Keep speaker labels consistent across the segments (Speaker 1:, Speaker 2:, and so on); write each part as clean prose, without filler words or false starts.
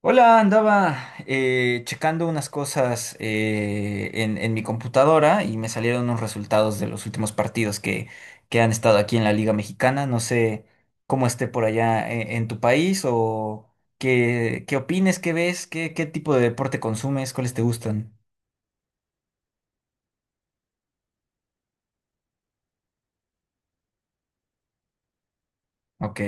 Speaker 1: Hola, andaba checando unas cosas en mi computadora y me salieron unos resultados de los últimos partidos que han estado aquí en la Liga Mexicana. No sé cómo esté por allá en tu país o qué opines, qué ves, qué tipo de deporte consumes, cuáles te gustan. Ok.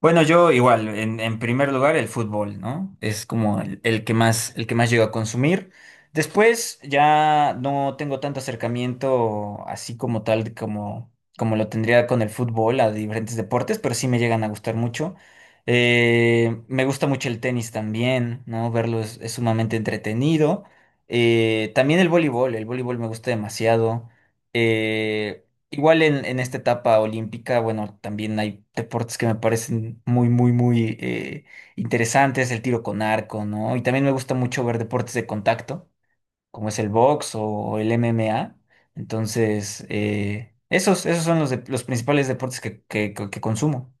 Speaker 1: Bueno, yo igual, en primer lugar el fútbol, ¿no? Es como el que más llego a consumir. Después ya no tengo tanto acercamiento así como tal de como lo tendría con el fútbol a diferentes deportes, pero sí me llegan a gustar mucho. Me gusta mucho el tenis también, ¿no? Verlo es sumamente entretenido. También el voleibol me gusta demasiado. Eh, Igual en esta etapa olímpica, bueno, también hay deportes que me parecen muy, muy, muy interesantes, el tiro con arco, ¿no? Y también me gusta mucho ver deportes de contacto, como es el box o el MMA. Entonces, esos, esos son los, los principales deportes que consumo.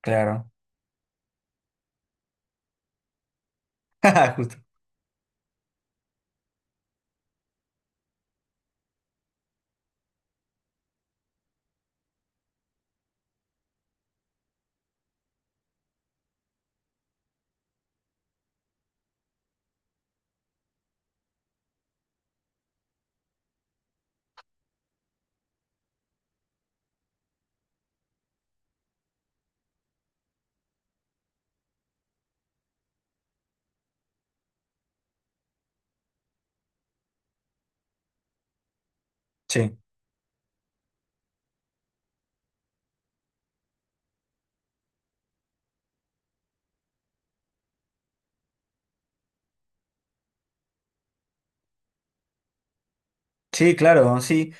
Speaker 1: Claro. Justo. Sí. Sí, claro, sí.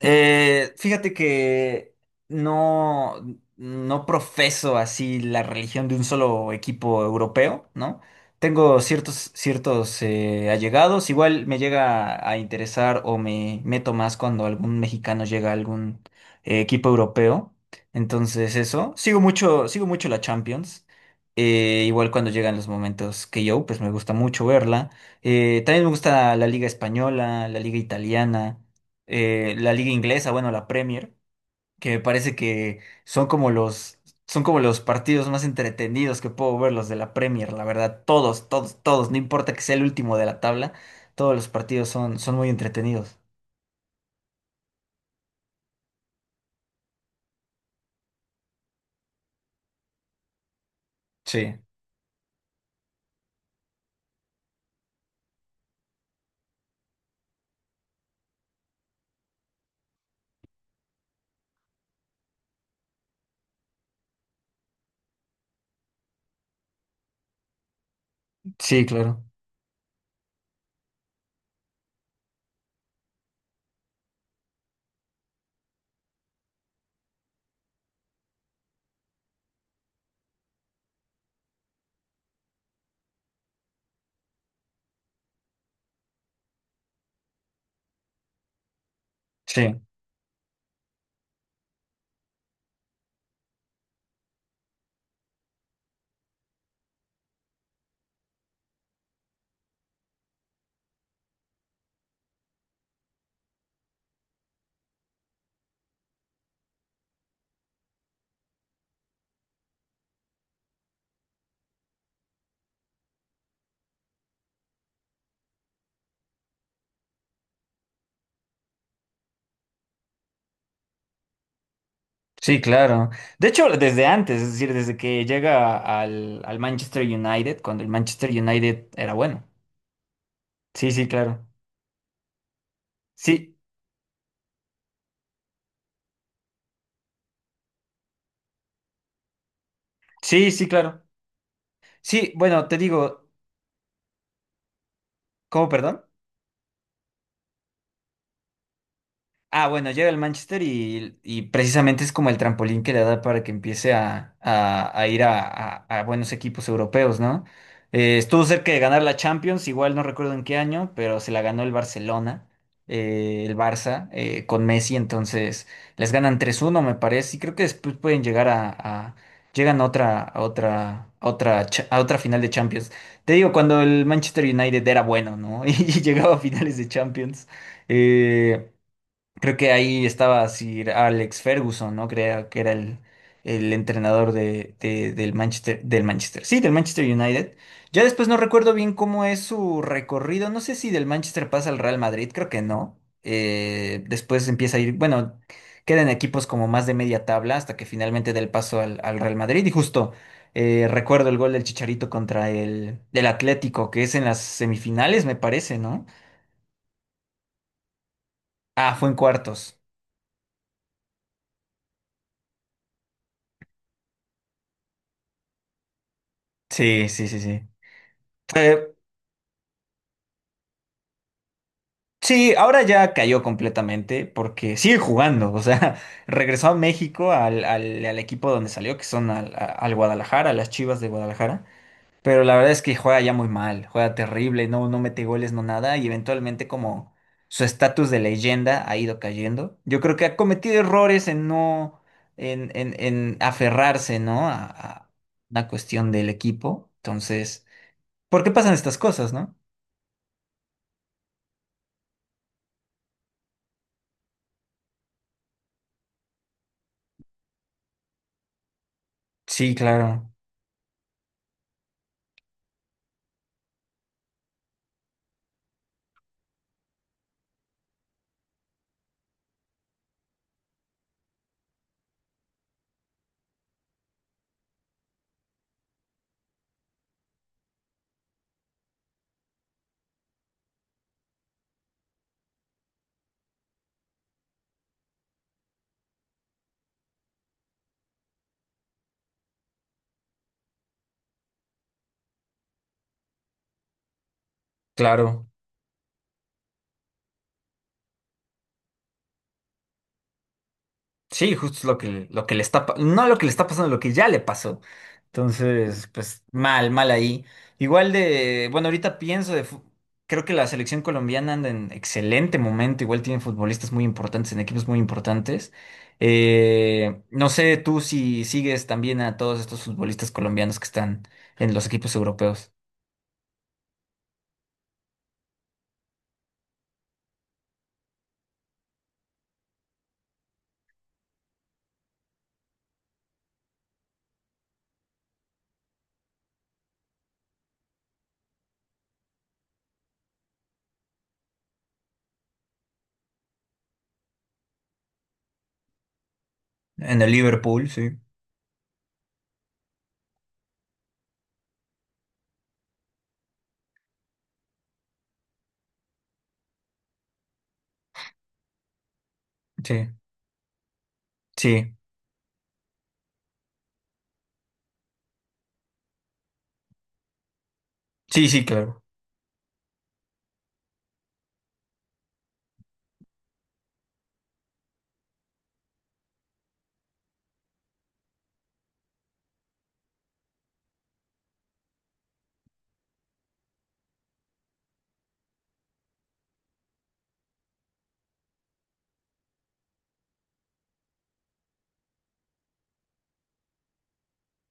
Speaker 1: Fíjate que no, no profeso así la religión de un solo equipo europeo, ¿no? Tengo ciertos, ciertos allegados. Igual me llega a interesar o me meto más cuando algún mexicano llega a algún equipo europeo. Entonces, eso. Sigo mucho la Champions. Igual cuando llegan los momentos que yo, pues me gusta mucho verla. También me gusta la Liga Española, la Liga Italiana, la liga inglesa, bueno, la Premier, que me parece que son como los partidos más entretenidos que puedo ver, los de la Premier, la verdad, todos, todos, todos, no importa que sea el último de la tabla, todos los partidos son, son muy entretenidos. Sí, sí, claro. Sí, sí, claro. De hecho, desde antes, es decir, desde que llega al, al Manchester United, cuando el Manchester United era bueno. Sí, sí, claro. Sí, sí, sí, claro. Sí, bueno, te digo, ¿cómo, perdón? Ah, bueno, llega al Manchester y precisamente es como el trampolín que le da para que empiece a ir a buenos equipos europeos, ¿no? Estuvo cerca de ganar la Champions, igual no recuerdo en qué año, pero se la ganó el Barcelona, el Barça, con Messi, entonces les ganan tres uno, me parece, y creo que después pueden llegar llegan a otra, a otra, a otra final de Champions. Te digo, cuando el Manchester United era bueno, ¿no? Y llegaba a finales de Champions. eh, Creo que ahí estaba Sir Alex Ferguson, ¿no? Creo que era el entrenador del Manchester, sí, del Manchester United. Ya después no recuerdo bien cómo es su recorrido. No sé si del Manchester pasa al Real Madrid, creo que no. Después empieza a ir, bueno, quedan equipos como más de media tabla hasta que finalmente da el paso al, al Real Madrid. Y justo recuerdo el gol del Chicharito contra el, del Atlético, que es en las semifinales, me parece, ¿no? Ah, fue en cuartos. Sí, sí, sí, sí. Sí, ahora ya cayó completamente porque sigue jugando, o sea, regresó a México al, al, al equipo donde salió, que son al, al Guadalajara, a las Chivas de Guadalajara, pero la verdad es que juega ya muy mal, juega terrible, no, no mete goles, no nada, y eventualmente como su estatus de leyenda ha ido cayendo. Yo creo que ha cometido errores en no, en aferrarse, ¿no? A una cuestión del equipo, entonces, ¿por qué pasan estas cosas, no? Sí, claro, claro. Sí, justo lo que le está, no lo que le está pasando, lo que ya le pasó. Entonces, pues mal, mal ahí. Igual de, bueno, ahorita pienso de, creo que la selección colombiana anda en excelente momento, igual tienen futbolistas muy importantes, en equipos muy importantes. No sé tú si sigues también a todos estos futbolistas colombianos que están en los equipos europeos. En el Liverpool, sí. Sí, sí, sí, sí, claro.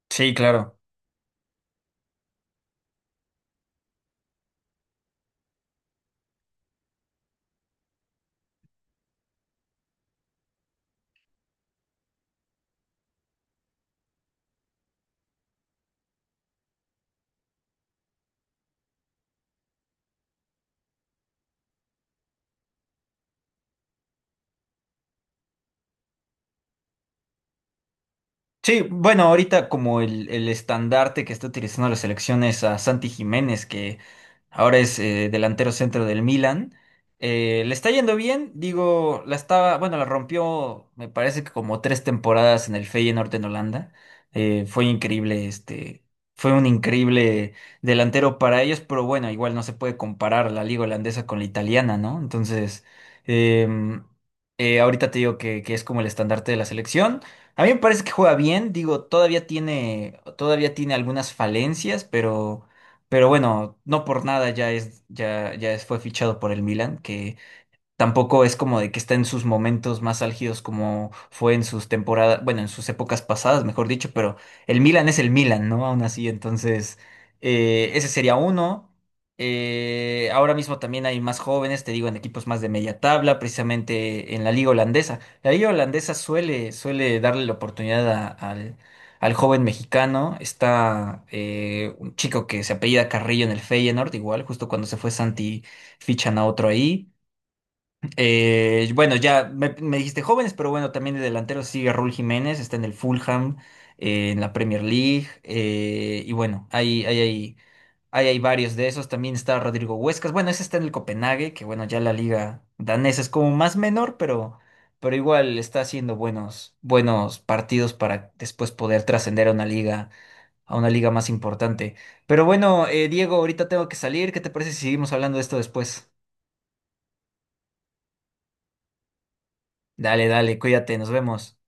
Speaker 1: Sí, claro. Sí, bueno, ahorita como el estandarte que está utilizando la selección es a Santi Jiménez, que ahora es delantero centro del Milan. Le está yendo bien, digo, la estaba, bueno, la rompió, me parece que como tres temporadas en el Feyenoord en Holanda. Fue increíble, este, fue un increíble delantero para ellos, pero bueno, igual no se puede comparar la liga holandesa con la italiana, ¿no? Entonces, em, ahorita te digo que es como el estandarte de la selección. A mí me parece que juega bien, digo, todavía tiene algunas falencias, pero bueno, no por nada ya es, ya, fue fichado por el Milan. Tampoco es como de que está en sus momentos más álgidos como fue en sus temporadas, bueno, en sus épocas pasadas, mejor dicho, pero el Milan es el Milan, ¿no? Aún así, entonces, ese sería uno. Ahora mismo también hay más jóvenes, te digo, en equipos más de media tabla, precisamente en la liga holandesa. La liga holandesa suele, suele darle la oportunidad al, al joven mexicano. Está un chico que se apellida Carrillo en el Feyenoord, igual, justo cuando se fue Santi, fichan a otro ahí. Bueno, ya me dijiste jóvenes, pero bueno, también de delanteros sigue Raúl Jiménez, está en el Fulham, en la Premier League, y bueno, hay varios de esos. También está Rodrigo Huescas, bueno, ese está en el Copenhague, que bueno, ya la liga danesa es como más menor, pero igual está haciendo buenos, buenos partidos para después poder trascender a una liga más importante. Pero bueno, Diego, ahorita tengo que salir, ¿qué te parece si seguimos hablando de esto después? Dale, dale, cuídate, nos vemos.